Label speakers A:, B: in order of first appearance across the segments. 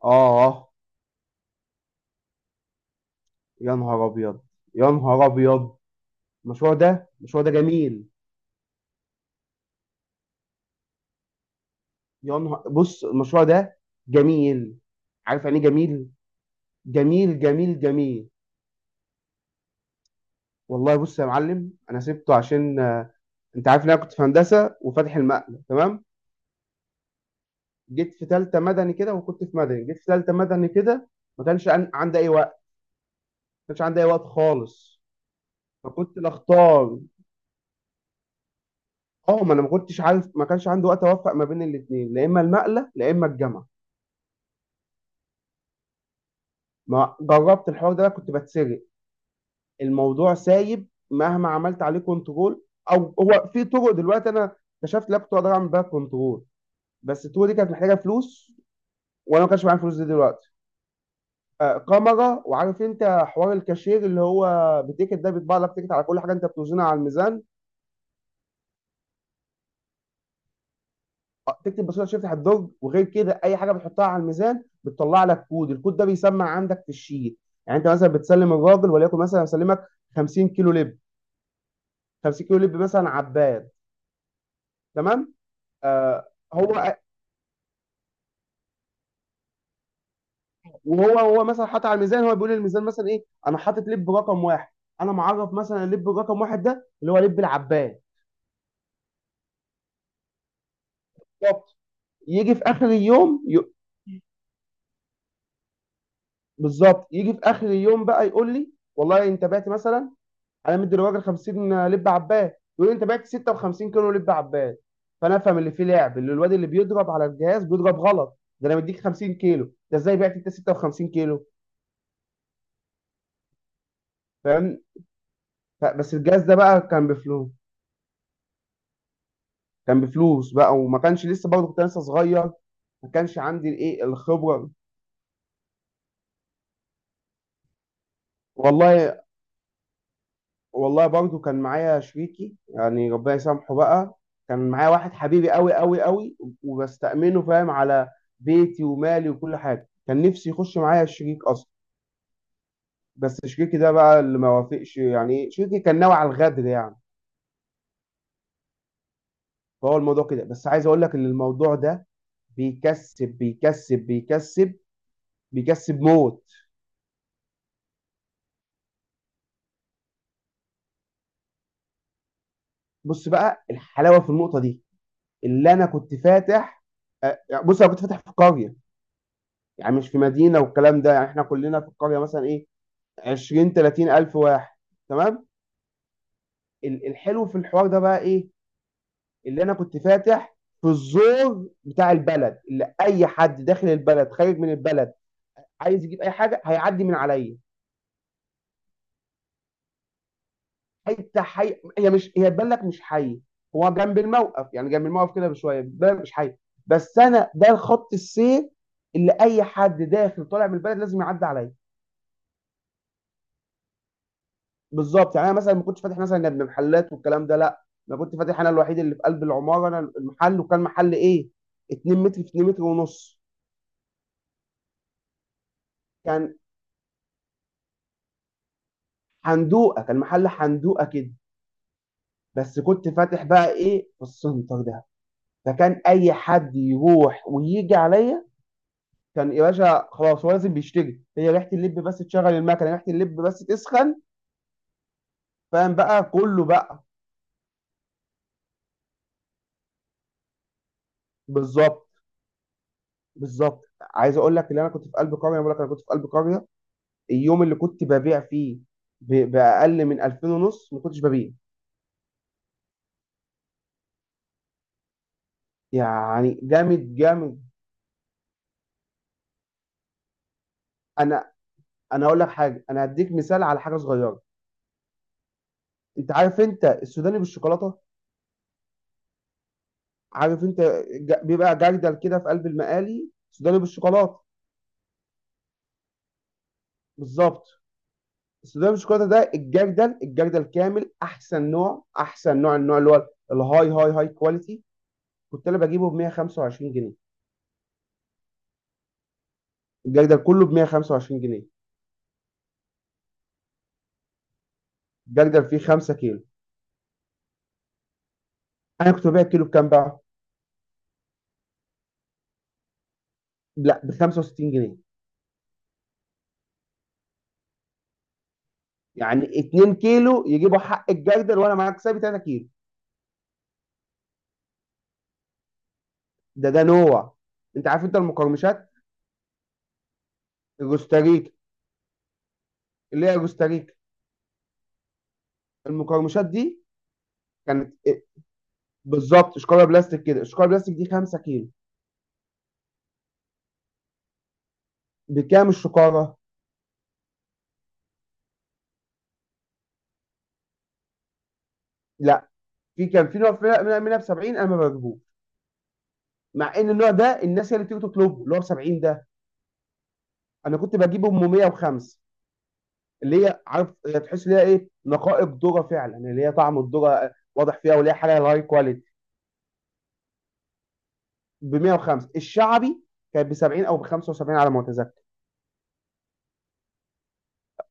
A: اه آه. يا نهار ابيض، يا نهار ابيض المشروع ده، جميل. يا نهار، بص المشروع ده جميل. عارف يعني ايه جميل؟ جميل جميل جميل. والله بص يا معلم، انا سبته عشان انت عارف ان انا كنت في هندسه وفاتح المقله، تمام. جيت في ثالثه مدني كده، وكنت في مدني جيت في ثالثه مدني كده. ما كانش عندي اي وقت ما كانش عندي اي وقت خالص. فكنت بختار. اه، ما انا ما كنتش عارف، ما كانش عندي وقت اوفق ما بين الاثنين، لا اما المقله لا اما الجامعه. ما جربت الحوار ده؟ كنت بتسرق. الموضوع سايب، مهما عملت عليه كنترول. او هو في طرق دلوقتي، انا اكتشفت لابتوب اقدر اعمل بيها كنترول، بس الطرق دي كانت محتاجه فلوس، وانا ما كانش معايا فلوس دي دلوقتي. آه، كاميرا، وعارف انت حوار الكاشير اللي هو بتيكت ده، بيطبع لك تيكت على كل حاجه انت بتوزنها على الميزان. آه، تكتب بسيطه تفتح الدرج، وغير كده اي حاجه بتحطها على الميزان بتطلع لك كود، الكود ده بيسمع عندك في الشيت. يعني انت مثلا بتسلم الراجل، وليكن مثلا مسلمك 50 كيلو لب، 50 كيلو لب مثلا عباد، تمام. آه، هو وهو مثلا حاطط على الميزان، هو بيقول للميزان مثلا ايه، انا حاطط لب رقم واحد. انا معرف مثلا اللب رقم واحد ده اللي هو لب العباد. بالظبط. يجي في اخر اليوم ي... بالظبط، يجي في اخر اليوم بقى يقول لي والله انت بعت مثلا، انا مدي الراجل 50 لب عباد، يقول لي انت بعت 56 كيلو لب عباد. فانا افهم اللي فيه لعب، اللي الواد اللي بيضرب على الجهاز بيضرب غلط، ده انا مديك 50 كيلو، ده ازاي بعت انت 56 كيلو؟ فاهم. بس الجهاز ده بقى كان بفلوس، كان بفلوس بقى، وما كانش لسه، برضه كنت لسه صغير، ما كانش عندي الايه، الخبره. والله، والله برضه كان معايا شريكي يعني، ربنا يسامحه بقى. كان معايا واحد حبيبي قوي قوي قوي، وبستأمنه، فاهم، على بيتي ومالي وكل حاجه. كان نفسي يخش معايا الشريك اصلا، بس شريكي ده بقى اللي ما وافقش، يعني شريكي كان ناوي على الغدر يعني. فهو الموضوع كده. بس عايز اقول لك ان الموضوع ده بيكسب، بيكسب بيكسب، بيكسب موت. بص بقى الحلاوه في النقطه دي، اللي انا كنت فاتح، آه، يعني بص، انا كنت فاتح في قريه، يعني مش في مدينه والكلام ده. يعني احنا كلنا في القريه مثلا ايه، 20 30 الف واحد، تمام. الحلو في الحوار ده بقى ايه؟ اللي انا كنت فاتح في الزور بتاع البلد، اللي اي حد داخل البلد خارج من البلد عايز يجيب اي حاجه هيعدي من عليا. حته حي، هي مش هي تبان لك مش حي، هو جنب الموقف، يعني جنب الموقف كده بشويه، بتبان لك مش حي. بس انا ده الخط السير، اللي اي حد داخل طالع من البلد لازم يعدي عليا. بالظبط، يعني انا مثلا ما كنتش فاتح مثلا ابن محلات والكلام ده، لا، انا كنت فاتح، انا الوحيد اللي في قلب العماره. انا المحل، وكان محل ايه، 2 متر في 2 متر ونص. كان حندوقه، كان محل حندوقه كده. بس كنت فاتح بقى ايه في السنتر ده، فكان اي حد يروح ويجي عليا. كان يا باشا خلاص، هو لازم بيشتري، هي ريحه اللب بس تشغل المكنه، ريحه اللب بس تسخن، فاهم بقى كله بقى. بالظبط، بالظبط. عايز اقول لك ان انا كنت في قلب قريه، بقول لك انا كنت في قلب قريه، اليوم اللي كنت ببيع فيه باقل من 2000 ونص ما كنتش ببيع، يعني جامد جامد. انا انا اقول لك حاجه، انا هديك مثال على حاجه صغيره. انت عارف انت السوداني بالشوكولاته؟ عارف انت، بيبقى جردل كده في قلب المقالي السوداني بالشوكولاته. بالظبط. السوداني بالشوكولاته ده، الجردل، الجردل كامل احسن نوع، احسن نوع، النوع اللي هو الهاي، هاي كواليتي، كنت انا بجيبه ب 125 جنيه. الجردل كله ب 125 جنيه، الجردل فيه 5 كيلو. انا كنت ببيع كيلو بكام بقى؟ لا، ب 65 جنيه. يعني 2 كيلو يجيبوا حق الجردل، وانا معاك سابي 3 كيلو. ده ده نوع. انت عارف انت المقرمشات، الروستاريكا، اللي هي روستاريكا، المقرمشات دي كانت إيه؟ بالظبط، شكاره بلاستيك كده، الشكاره بلاستيك دي 5 كيلو. بكام الشكاره؟ لا، كان في نوع منها، منها ب 70 انا ما بجيبوش، مع ان النوع ده الناس هي اللي بتيجي تطلبه، اللي هو ب 70 ده. انا كنت بجيبه ب 105، اللي هي عارف، هي تحس ان هي ايه، نقائق ذره فعلا، اللي هي طعم الذره واضح فيها، واللي هي حاجه هاي كواليتي. ب 105 الشعبي كانت ب 70 او ب 75 على ما اتذكر.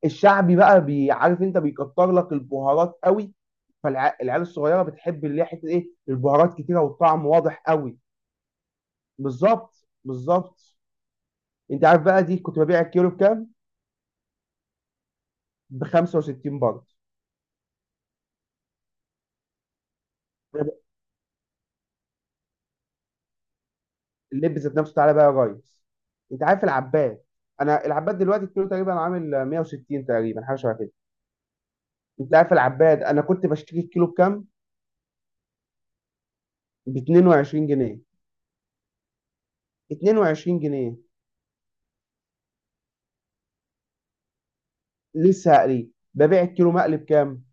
A: الشعبي بقى عارف انت بيكتر لك البهارات قوي، فالعيال الصغيره بتحب اللي هي حته ايه، البهارات كتيره والطعم واضح قوي. بالظبط، بالظبط. انت عارف بقى دي كنت ببيع الكيلو بكام؟ ب 65 برضه. اللب ذات نفسه، تعالى بقى يا ريس. انت عارف العباد، انا العباد دلوقتي الكيلو تقريبا عامل 160 تقريبا، حاجه شبه كده. انت عارف العباد انا كنت بشتري الكيلو بكام؟ ب 22 جنيه. 22 جنيه لسه هقريه. ببيع الكيلو مقلي بكام؟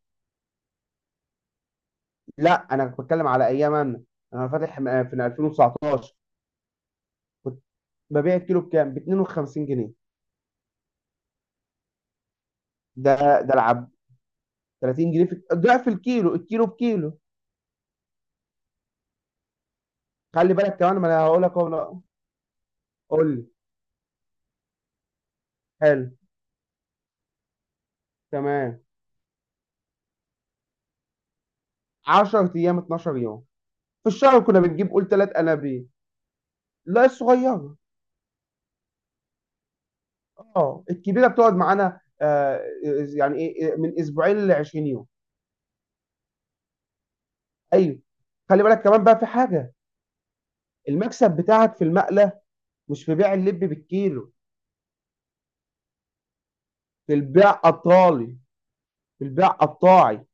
A: لا، انا بتكلم على ايام، آه، في 2019 كنت ببيع الكيلو بكام؟ ب 52 جنيه. ده ده العب، 30 جنيه في ضعف الكيلو، الكيلو بكيلو. خلي بالك كمان، ما انا هقول لك اهو. لا، قول لي. حلو، تمام. 10 ايام 12 يوم، في الشهر كنا بنجيب قول ثلاث انابيب. لا الصغيره، اه الكبيره بتقعد معانا، آه يعني ايه، من اسبوعين ل 20 يوم. ايوه. خلي بالك كمان بقى في حاجه، المكسب بتاعك في المقلة مش في بيع اللب بالكيلو، في البيع قطالي في البيع قطاعي.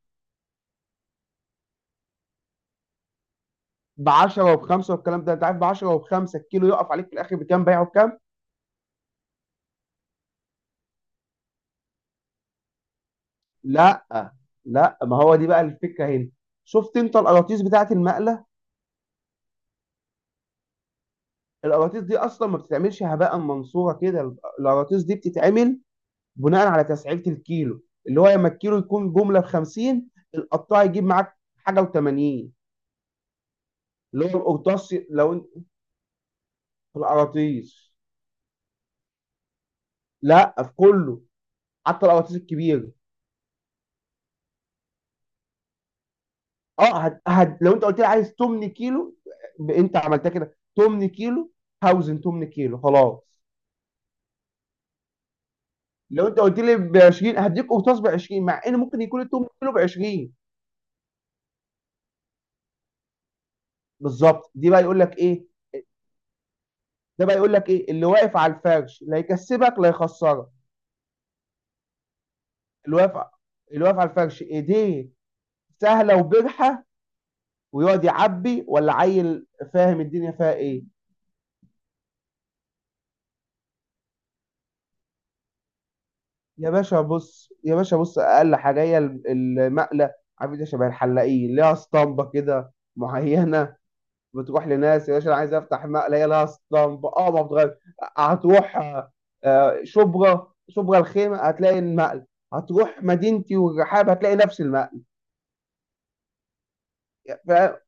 A: ب 10 وب5 والكلام ده، انت عارف ب 10 وب5 الكيلو يقف عليك في الاخر بكام، بيعه بكام؟ لا لا، ما هو دي بقى الفكره هنا. شفت انت القراطيس بتاعه المقله؟ القراطيس دي اصلا ما بتتعملش هباء منصوره كده، القراطيس دي بتتعمل بناء على تسعيره الكيلو، اللي هو لما الكيلو يكون جمله ب 50، القطاع يجيب معاك حاجه و80، اللي هو القرطاس لو في القراطيس. لا في كله، حتى القراطيس الكبير. اه لو انت قلت لي عايز 8 كيلو، انت عملتها كده 8 كيلو، هوزن 8 كيلو خلاص. لو انت قلت لي ب 20، هديك قرطاس ب 20، مع ان ممكن يكون ال 8 كيلو ب 20. بالظبط. دي بقى يقول لك ايه، ده بقى يقول لك ايه، اللي واقف على الفرش لا يكسبك لا يخسرك. اللي واقف اللي واقف على الفرش ايديه سهله وبرحه، ويقعد يعبي ولا عيل فاهم الدنيا فيها ايه. يا باشا بص، يا باشا بص، اقل حاجه هي المقله. عارف انت، شبه الحلاقين، ليها اسطمبه كده معينه. بتروح لناس يا باشا، انا عايز افتح مقله، هي لها اسطمبه اه، ما بتغير. هتروح آه، شبرا الخيمه هتلاقي المقله، هتروح مدينتي والرحاب هتلاقي نفس المقله.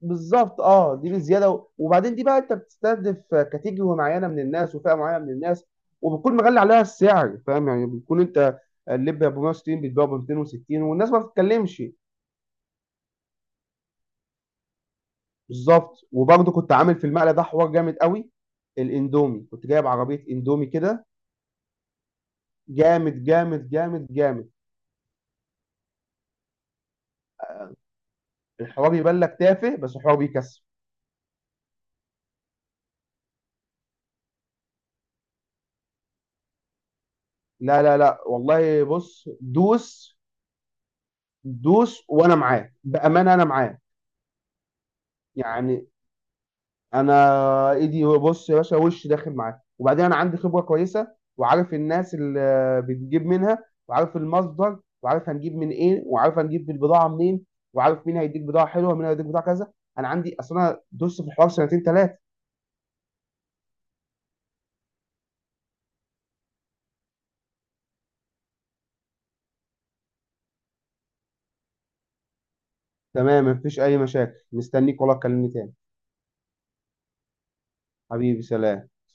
A: بالظبط. اه، دي بزياده وبعدين دي بقى، انت بتستهدف كاتيجوري معينه من الناس وفئه معينه من الناس، وبتكون مغلي عليها السعر، فاهم يعني، بتكون انت اللب ب 160 بتبيعه ب 260 والناس ما بتتكلمش. بالظبط. وبرضه كنت عامل في المقلة ده حوار جامد قوي، الاندومي، كنت جايب عربيه اندومي كده. جامد جامد جامد جامد. الحوار يبان لك تافه، بس الحوار بيكسب. لا لا لا، والله بص دوس، دوس وانا معاك، بامانه انا معاك. يعني انا ايدي هو، بص يا باشا، وش داخل معاه، وبعدين انا عندي خبره كويسه، وعارف الناس اللي بتجيب منها، وعارف المصدر، وعارف هنجيب من ايه، وعارف هنجيب البضاعه منين، وعارف مين هيديك بضاعه حلوه ومين هيديك بضاعه كذا. انا عندي اصل، انا دوست في الحوار سنتين ثلاثه. تمام، مفيش اي مشاكل، مستنيك والله، تكلمني تاني. حبيبي، سلام سلام.